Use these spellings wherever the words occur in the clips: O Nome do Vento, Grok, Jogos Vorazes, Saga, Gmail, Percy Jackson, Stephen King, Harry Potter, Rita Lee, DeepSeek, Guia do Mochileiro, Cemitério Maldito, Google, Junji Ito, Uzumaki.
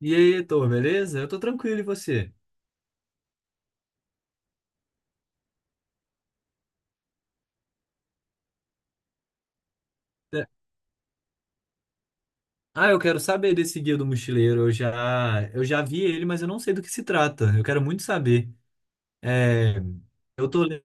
E aí, Heitor, beleza? Eu tô tranquilo, e você? É. Ah, eu quero saber desse Guia do Mochileiro. Eu já vi ele, mas eu não sei do que se trata. Eu quero muito saber. É, eu tô... le-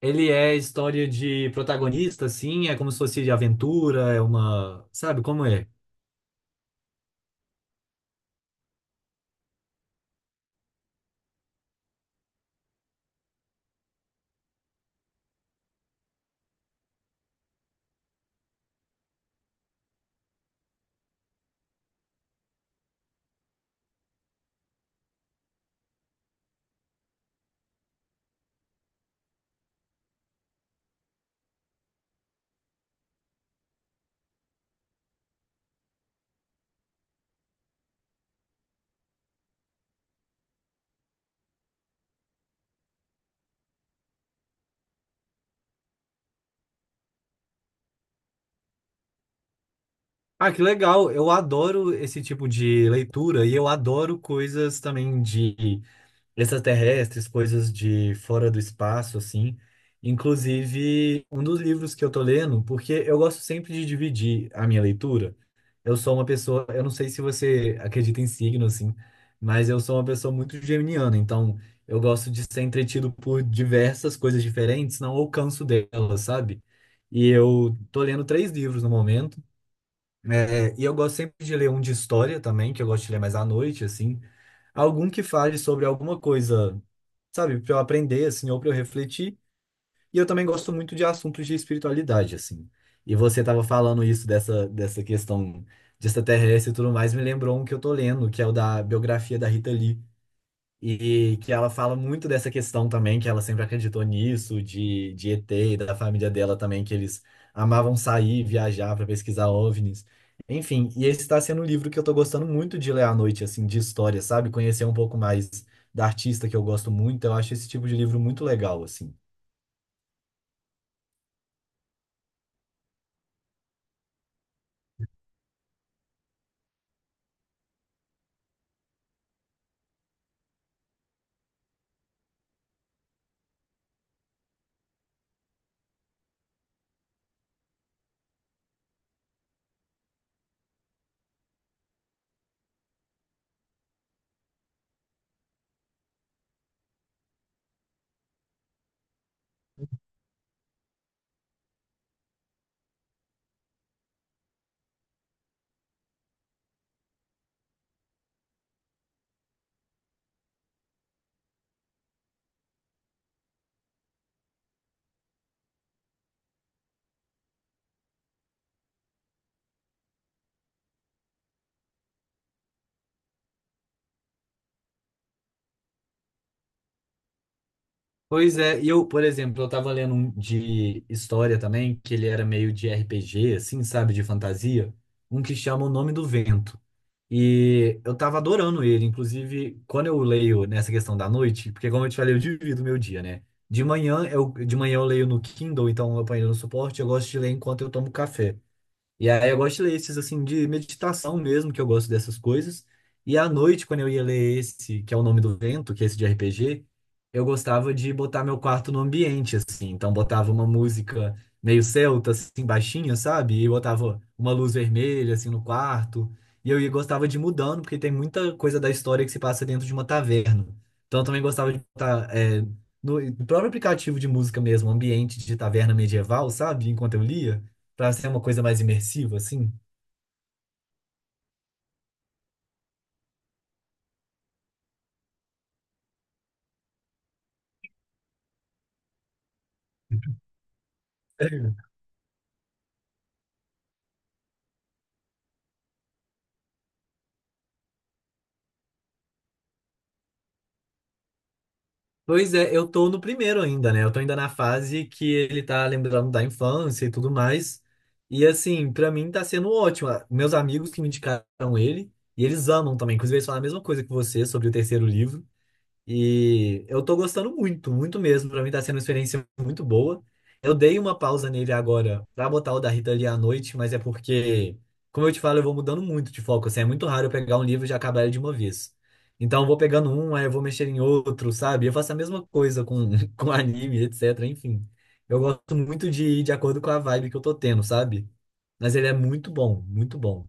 Ele é história de protagonista, assim? É como se fosse de aventura, é uma... Sabe como é? Ah, que legal! Eu adoro esse tipo de leitura e eu adoro coisas também de extraterrestres, coisas de fora do espaço, assim. Inclusive, um dos livros que eu tô lendo, porque eu gosto sempre de dividir a minha leitura. Eu sou uma pessoa, eu não sei se você acredita em signo, assim, mas eu sou uma pessoa muito geminiana, então eu gosto de ser entretido por diversas coisas diferentes, não alcanço delas, sabe? E eu tô lendo três livros no momento. É, e eu gosto sempre de ler um de história também, que eu gosto de ler mais à noite, assim. Algum que fale sobre alguma coisa, sabe, para eu aprender, assim, ou para eu refletir. E eu também gosto muito de assuntos de espiritualidade, assim. E você estava falando isso dessa questão de extraterrestre e tudo mais, me lembrou um que eu tô lendo, que é o da biografia da Rita Lee. E que ela fala muito dessa questão também, que ela sempre acreditou nisso, de ET e da família dela também, que eles amavam sair, viajar para pesquisar OVNIs. Enfim, e esse está sendo um livro que eu tô gostando muito de ler à noite, assim, de história, sabe? Conhecer um pouco mais da artista que eu gosto muito. Eu acho esse tipo de livro muito legal, assim. Pois é, e eu, por exemplo, eu tava lendo um de história também, que ele era meio de RPG, assim, sabe, de fantasia, um que chama O Nome do Vento. E eu tava adorando ele, inclusive, quando eu leio nessa questão da noite, porque como eu te falei, eu divido o meu dia, né? De manhã eu leio no Kindle, então eu ponho ele no suporte, eu gosto de ler enquanto eu tomo café. E aí eu gosto de ler esses, assim, de meditação mesmo, que eu gosto dessas coisas. E à noite, quando eu ia ler esse, que é o Nome do Vento, que é esse de RPG, eu gostava de botar meu quarto no ambiente, assim. Então botava uma música meio celta, assim, baixinha, sabe? E botava uma luz vermelha, assim, no quarto. E gostava de ir mudando, porque tem muita coisa da história que se passa dentro de uma taverna. Então eu também gostava de botar, no próprio aplicativo de música mesmo, ambiente de taverna medieval, sabe? Enquanto eu lia. Pra ser uma coisa mais imersiva, assim? Pois é, eu tô no primeiro ainda, né? Eu tô ainda na fase que ele tá lembrando da infância e tudo mais. E assim, pra mim tá sendo ótimo. Meus amigos que me indicaram ele, e eles amam também. Inclusive, eles falam a mesma coisa que você sobre o terceiro livro. E eu tô gostando muito, muito mesmo. Pra mim tá sendo uma experiência muito boa. Eu dei uma pausa nele agora pra botar o da Rita ali à noite, mas é porque, como eu te falo, eu vou mudando muito de foco. Assim, é muito raro eu pegar um livro e já acabar ele de uma vez. Então eu vou pegando um, aí eu vou mexer em outro, sabe? Eu faço a mesma coisa com, com anime, etc. Enfim, eu gosto muito de ir de acordo com a vibe que eu tô tendo, sabe? Mas ele é muito bom, muito bom.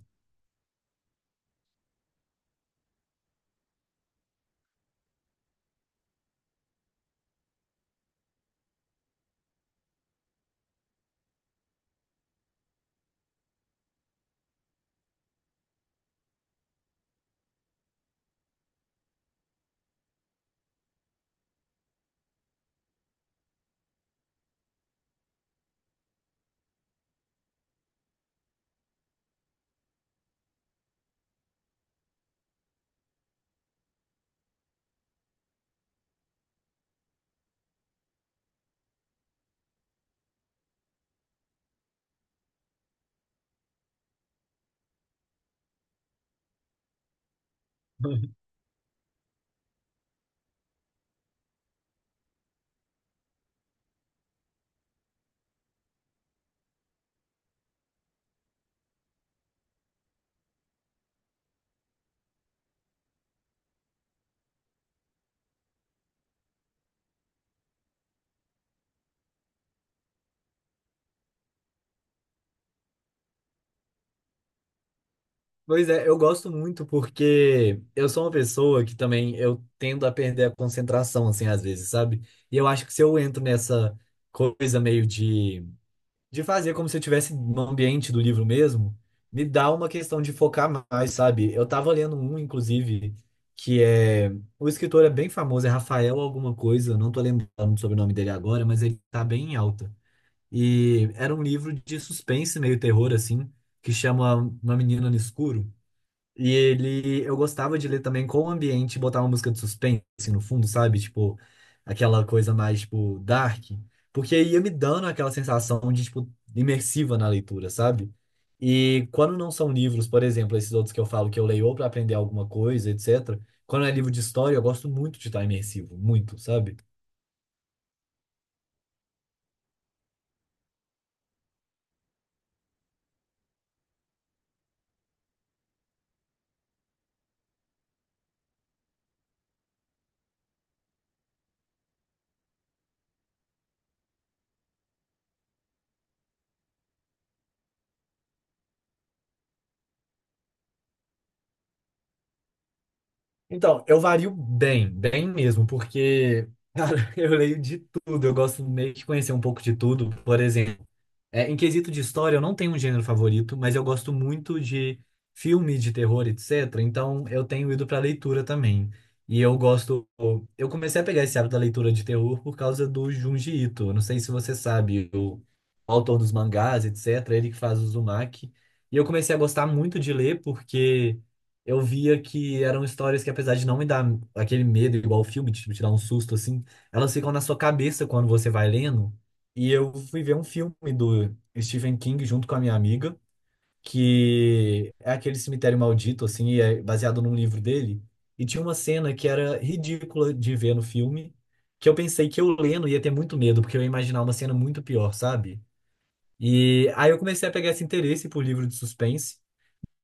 Pois é, eu gosto muito porque eu sou uma pessoa que também eu tendo a perder a concentração, assim, às vezes, sabe? E eu acho que se eu entro nessa coisa meio de fazer como se eu estivesse no ambiente do livro mesmo, me dá uma questão de focar mais, sabe? Eu tava lendo um, inclusive, que é... O escritor é bem famoso, é Rafael alguma coisa, eu não tô lembrando sobre o nome dele agora, mas ele tá bem em alta. E era um livro de suspense, meio terror, assim, que chama Uma Menina no Escuro. E ele, eu gostava de ler também com o ambiente, botar uma música de suspense assim no fundo, sabe? Tipo, aquela coisa mais, tipo, dark. Porque ia me dando aquela sensação de, tipo, imersiva na leitura, sabe? E quando não são livros, por exemplo, esses outros que eu falo que eu leio ou pra aprender alguma coisa, etc. Quando é livro de história, eu gosto muito de estar imersivo, muito, sabe? Então, eu vario bem mesmo, porque, cara, eu leio de tudo, eu gosto meio que conhecer um pouco de tudo, por exemplo. É, em quesito de história, eu não tenho um gênero favorito, mas eu gosto muito de filme de terror, etc. Então, eu tenho ido para leitura também. E eu gosto. Eu comecei a pegar esse hábito da leitura de terror por causa do Junji Ito. Eu Não sei se você sabe, o autor dos mangás, etc. Ele que faz o Uzumaki. E eu comecei a gostar muito de ler porque eu via que eram histórias que, apesar de não me dar aquele medo igual o filme, tipo, te dar um susto assim, elas ficam na sua cabeça quando você vai lendo. E eu fui ver um filme do Stephen King junto com a minha amiga, que é aquele Cemitério Maldito, assim, e é baseado num livro dele. E tinha uma cena que era ridícula de ver no filme, que eu pensei que eu lendo ia ter muito medo, porque eu ia imaginar uma cena muito pior, sabe? E aí eu comecei a pegar esse interesse por livro de suspense.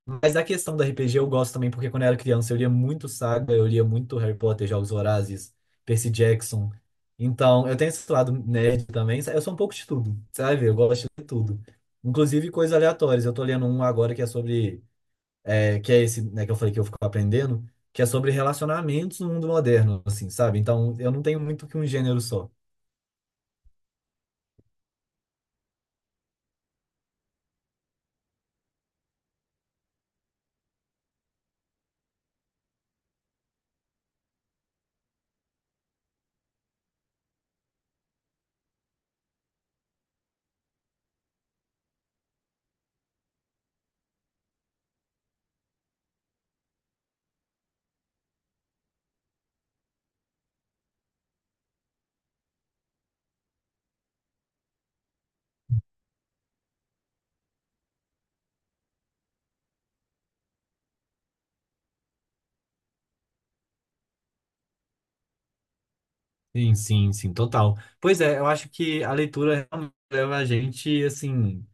Mas da questão do RPG eu gosto também, porque quando eu era criança eu lia muito Saga, eu lia muito Harry Potter, Jogos Vorazes, Percy Jackson. Então, eu tenho esse lado nerd também. Eu sou um pouco de tudo, sabe? Eu gosto de tudo. Inclusive coisas aleatórias. Eu tô lendo um agora que é sobre... que é esse, né, que eu falei que eu fico aprendendo, que é sobre relacionamentos no mundo moderno, assim, sabe? Então, eu não tenho muito que um gênero só. Sim, sim, sim, total. Pois é, eu acho que a leitura realmente leva a gente, assim...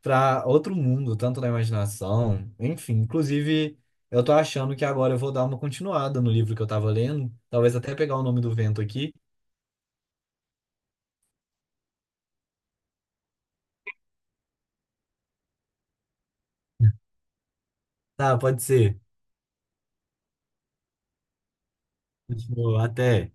para outro mundo, tanto na imaginação, enfim. Inclusive, eu tô achando que agora eu vou dar uma continuada no livro que eu tava lendo, talvez até pegar o nome do vento aqui. Tá, pode ser. Continua, Até.